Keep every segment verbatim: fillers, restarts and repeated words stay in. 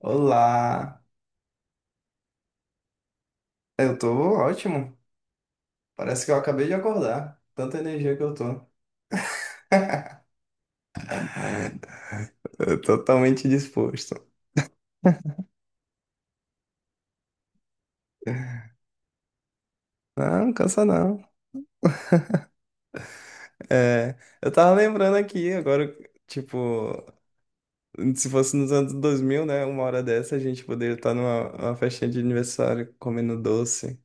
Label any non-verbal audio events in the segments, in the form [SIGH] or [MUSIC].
Olá, eu tô ótimo. Parece que eu acabei de acordar. Tanta energia que eu tô. [LAUGHS] Eu tô totalmente disposto. Não, não cansa não. É, eu tava lembrando aqui, agora, tipo, se fosse nos anos dois mil, né? Uma hora dessa a gente poderia estar numa numa festinha de aniversário comendo doce.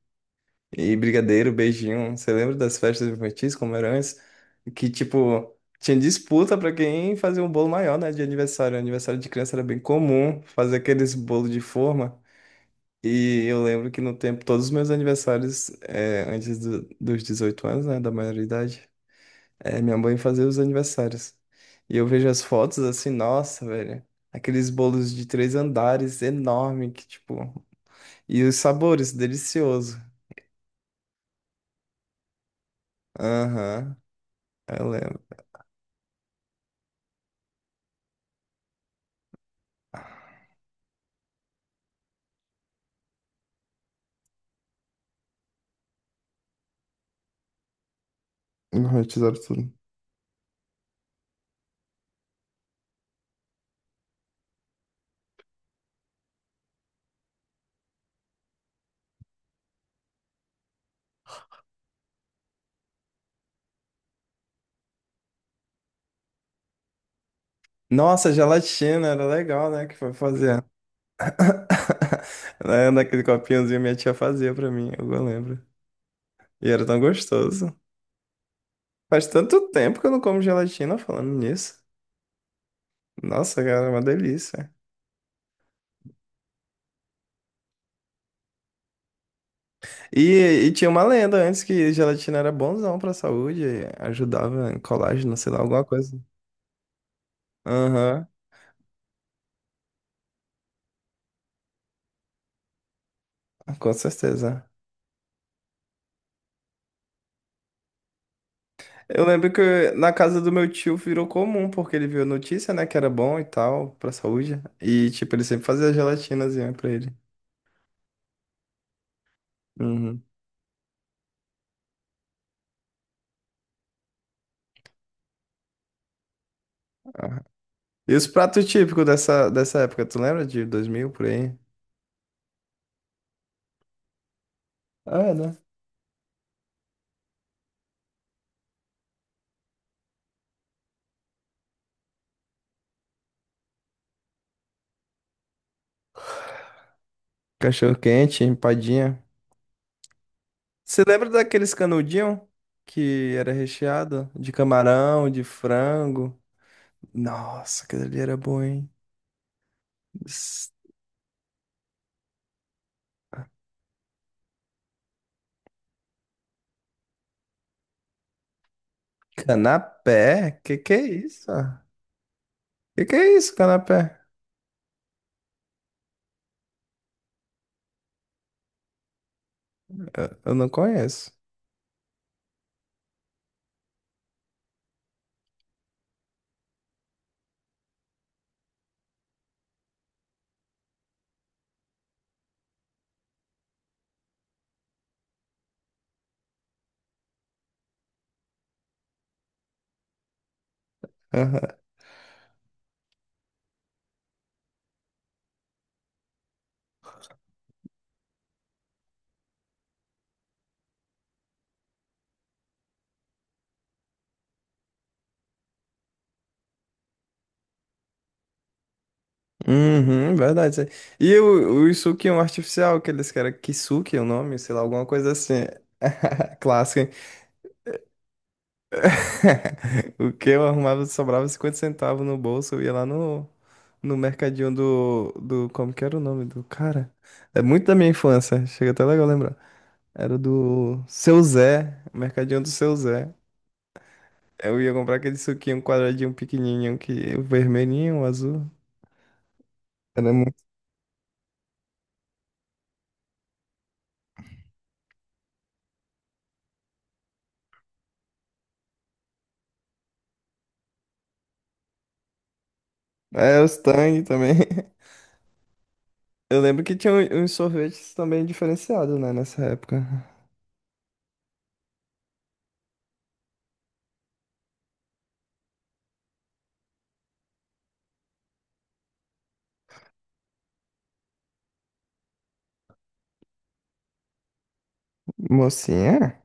E brigadeiro, beijinho. Você lembra das festas infantis, como era antes? Que, tipo, tinha disputa pra quem fazia um bolo maior, né? De aniversário. Aniversário de criança era bem comum fazer aqueles bolo de forma. E eu lembro que no tempo, todos os meus aniversários, é, antes do- dos dezoito anos, né? Da maioridade, é, minha mãe fazia os aniversários. E eu vejo as fotos assim, nossa, velho. Aqueles bolos de três andares enorme, que, tipo. E os sabores, delicioso. Aham, eu lembro. Uhum, tesouro tudo. Nossa, gelatina, era legal, né? Que foi fazer. [LAUGHS] Né, naquele copinhozinho minha tia fazia pra mim, eu lembro. E era tão gostoso. Faz tanto tempo que eu não como gelatina falando nisso. Nossa, cara, é uma delícia. E, e tinha uma lenda antes que gelatina era bonzão pra saúde, ajudava em colágeno, sei lá, alguma coisa. Aham, com certeza. Eu lembro que na casa do meu tio virou comum, porque ele viu a notícia, né, que era bom e tal, pra saúde. E, tipo, ele sempre fazia gelatinazinha pra ele. Uhum. E os pratos típicos dessa, dessa época, tu lembra de dois mil por aí? Ah, é, né? Cachorro quente, empadinha. Você lembra daqueles canudinhos que era recheado de camarão, de frango? Nossa, aquele ali era bom, hein? S- Canapé? Que que é isso? Que que é isso, canapé? Eu eu não conheço. Uhum, verdade. E o, o Yusuke é um artificial, que eles querem Kisuke, é o nome, sei lá, alguma coisa assim. [LAUGHS] Clássico, hein? [LAUGHS] O que eu arrumava, sobrava cinquenta centavos no bolso, eu ia lá no, no mercadinho do, do. Como que era o nome do cara? É muito da minha infância, chega até legal lembrar. Era do Seu Zé, mercadinho do Seu Zé. Eu ia comprar aquele suquinho quadradinho pequenininho, que, o vermelhinho, o azul. Era muito. É, os Tang também. [LAUGHS] Eu lembro que tinha um- uns sorvetes também diferenciados, né, nessa época. Mocinha?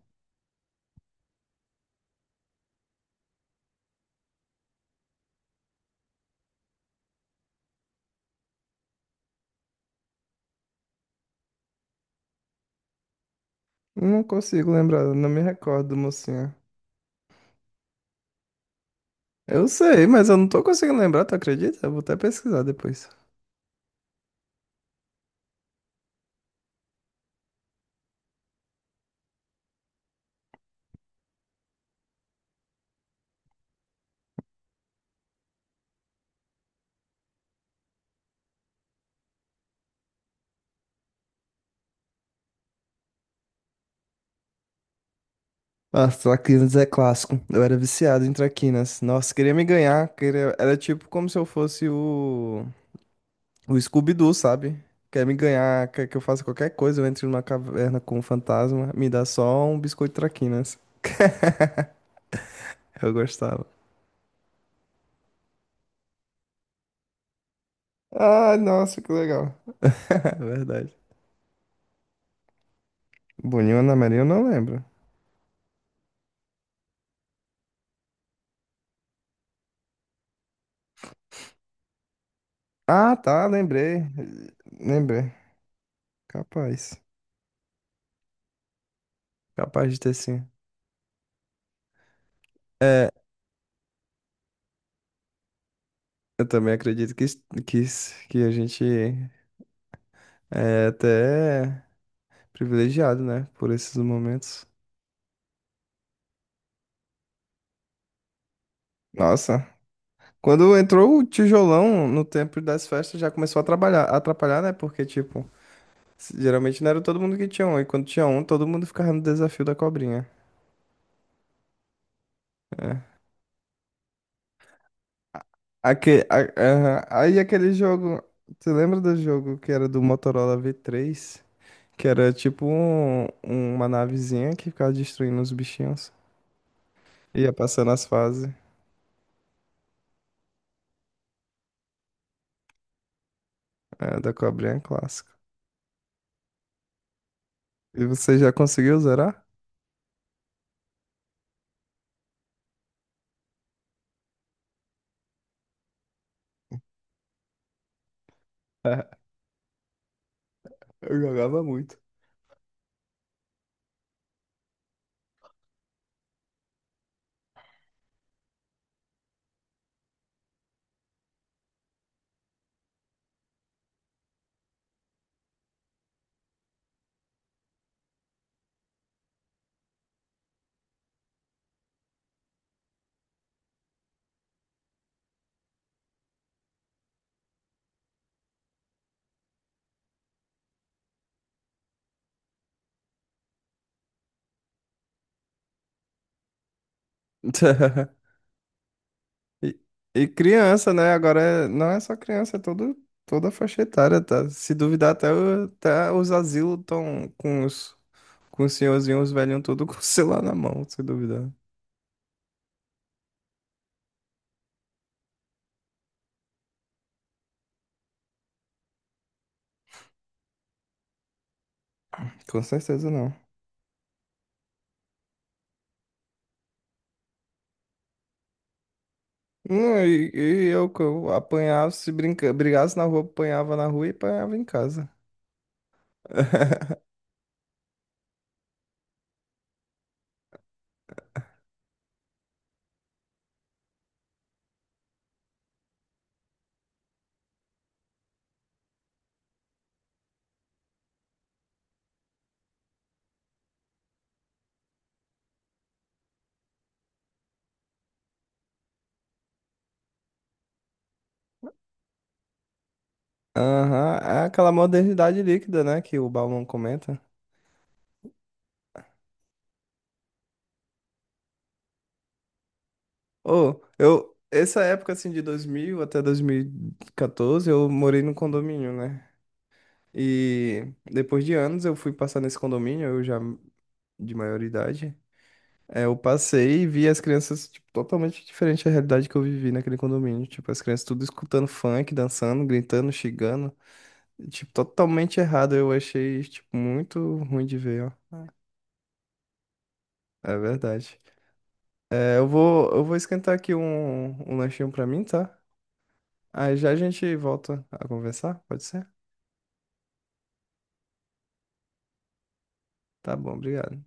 Não consigo lembrar, não me recordo do mocinha. Eu sei, mas eu não tô conseguindo lembrar, tu acredita? Eu vou até pesquisar depois. Ah, traquinas é clássico. Eu era viciado em traquinas. Nossa, queria me ganhar. Queria... Era tipo como se eu fosse o, o Scooby-Doo, sabe? Quer me ganhar, quer que eu faça qualquer coisa, eu entre numa caverna com um fantasma, me dá só um biscoito traquinas. [LAUGHS] Eu gostava. Ah, nossa, que legal. [LAUGHS] Verdade. Boninho Ana Maria, eu não lembro. Ah, tá, lembrei. Lembrei. Capaz. Capaz de ter sim. É, eu também acredito que, isso- que, isso- que a gente é até privilegiado, né? Por esses momentos. Nossa. Quando entrou o tijolão no tempo das festas, já começou a trabalhar, a atrapalhar, né? Porque, tipo, s- geralmente não era todo mundo que tinha um. E quando tinha um, todo mundo ficava no desafio da cobrinha. Aque, a, aham. Aí aquele jogo, você lembra do jogo que era do Motorola V três? Que era tipo um- uma navezinha que ficava destruindo os bichinhos. Ia passando as fases, é, da cobrinha clássica. E você já conseguiu zerar? [LAUGHS] Eu jogava muito. [LAUGHS] E, e criança, né? Agora é- não é só criança, é todo, toda a faixa etária, tá? Se duvidar, até, o- até os asilos estão com os, com os senhorzinhos, os velhinhos, tudo [LAUGHS] com o celular na mão, se duvidar. Com certeza não. Não, e, e eu, que eu apanhava, se brinca, brigasse na rua, apanhava na rua e apanhava em casa. [LAUGHS] Aham, é aquela modernidade líquida, né, que o Bauman comenta. Ô, eu, essa época, assim, de dois mil até dois mil e quatorze, eu morei num condomínio, né? E depois de anos eu fui passar nesse condomínio, eu já de maioridade. É, eu passei e vi as crianças, tipo, totalmente diferente da realidade que eu vivi naquele condomínio. Tipo, as crianças tudo escutando funk, dançando, gritando, xingando. Tipo, totalmente errado. Eu achei, tipo, muito ruim de ver, ó. É verdade. É, eu vou, eu vou esquentar aqui um, um lanchinho pra mim, tá? Aí já a gente volta a conversar, pode ser? Tá bom, obrigado.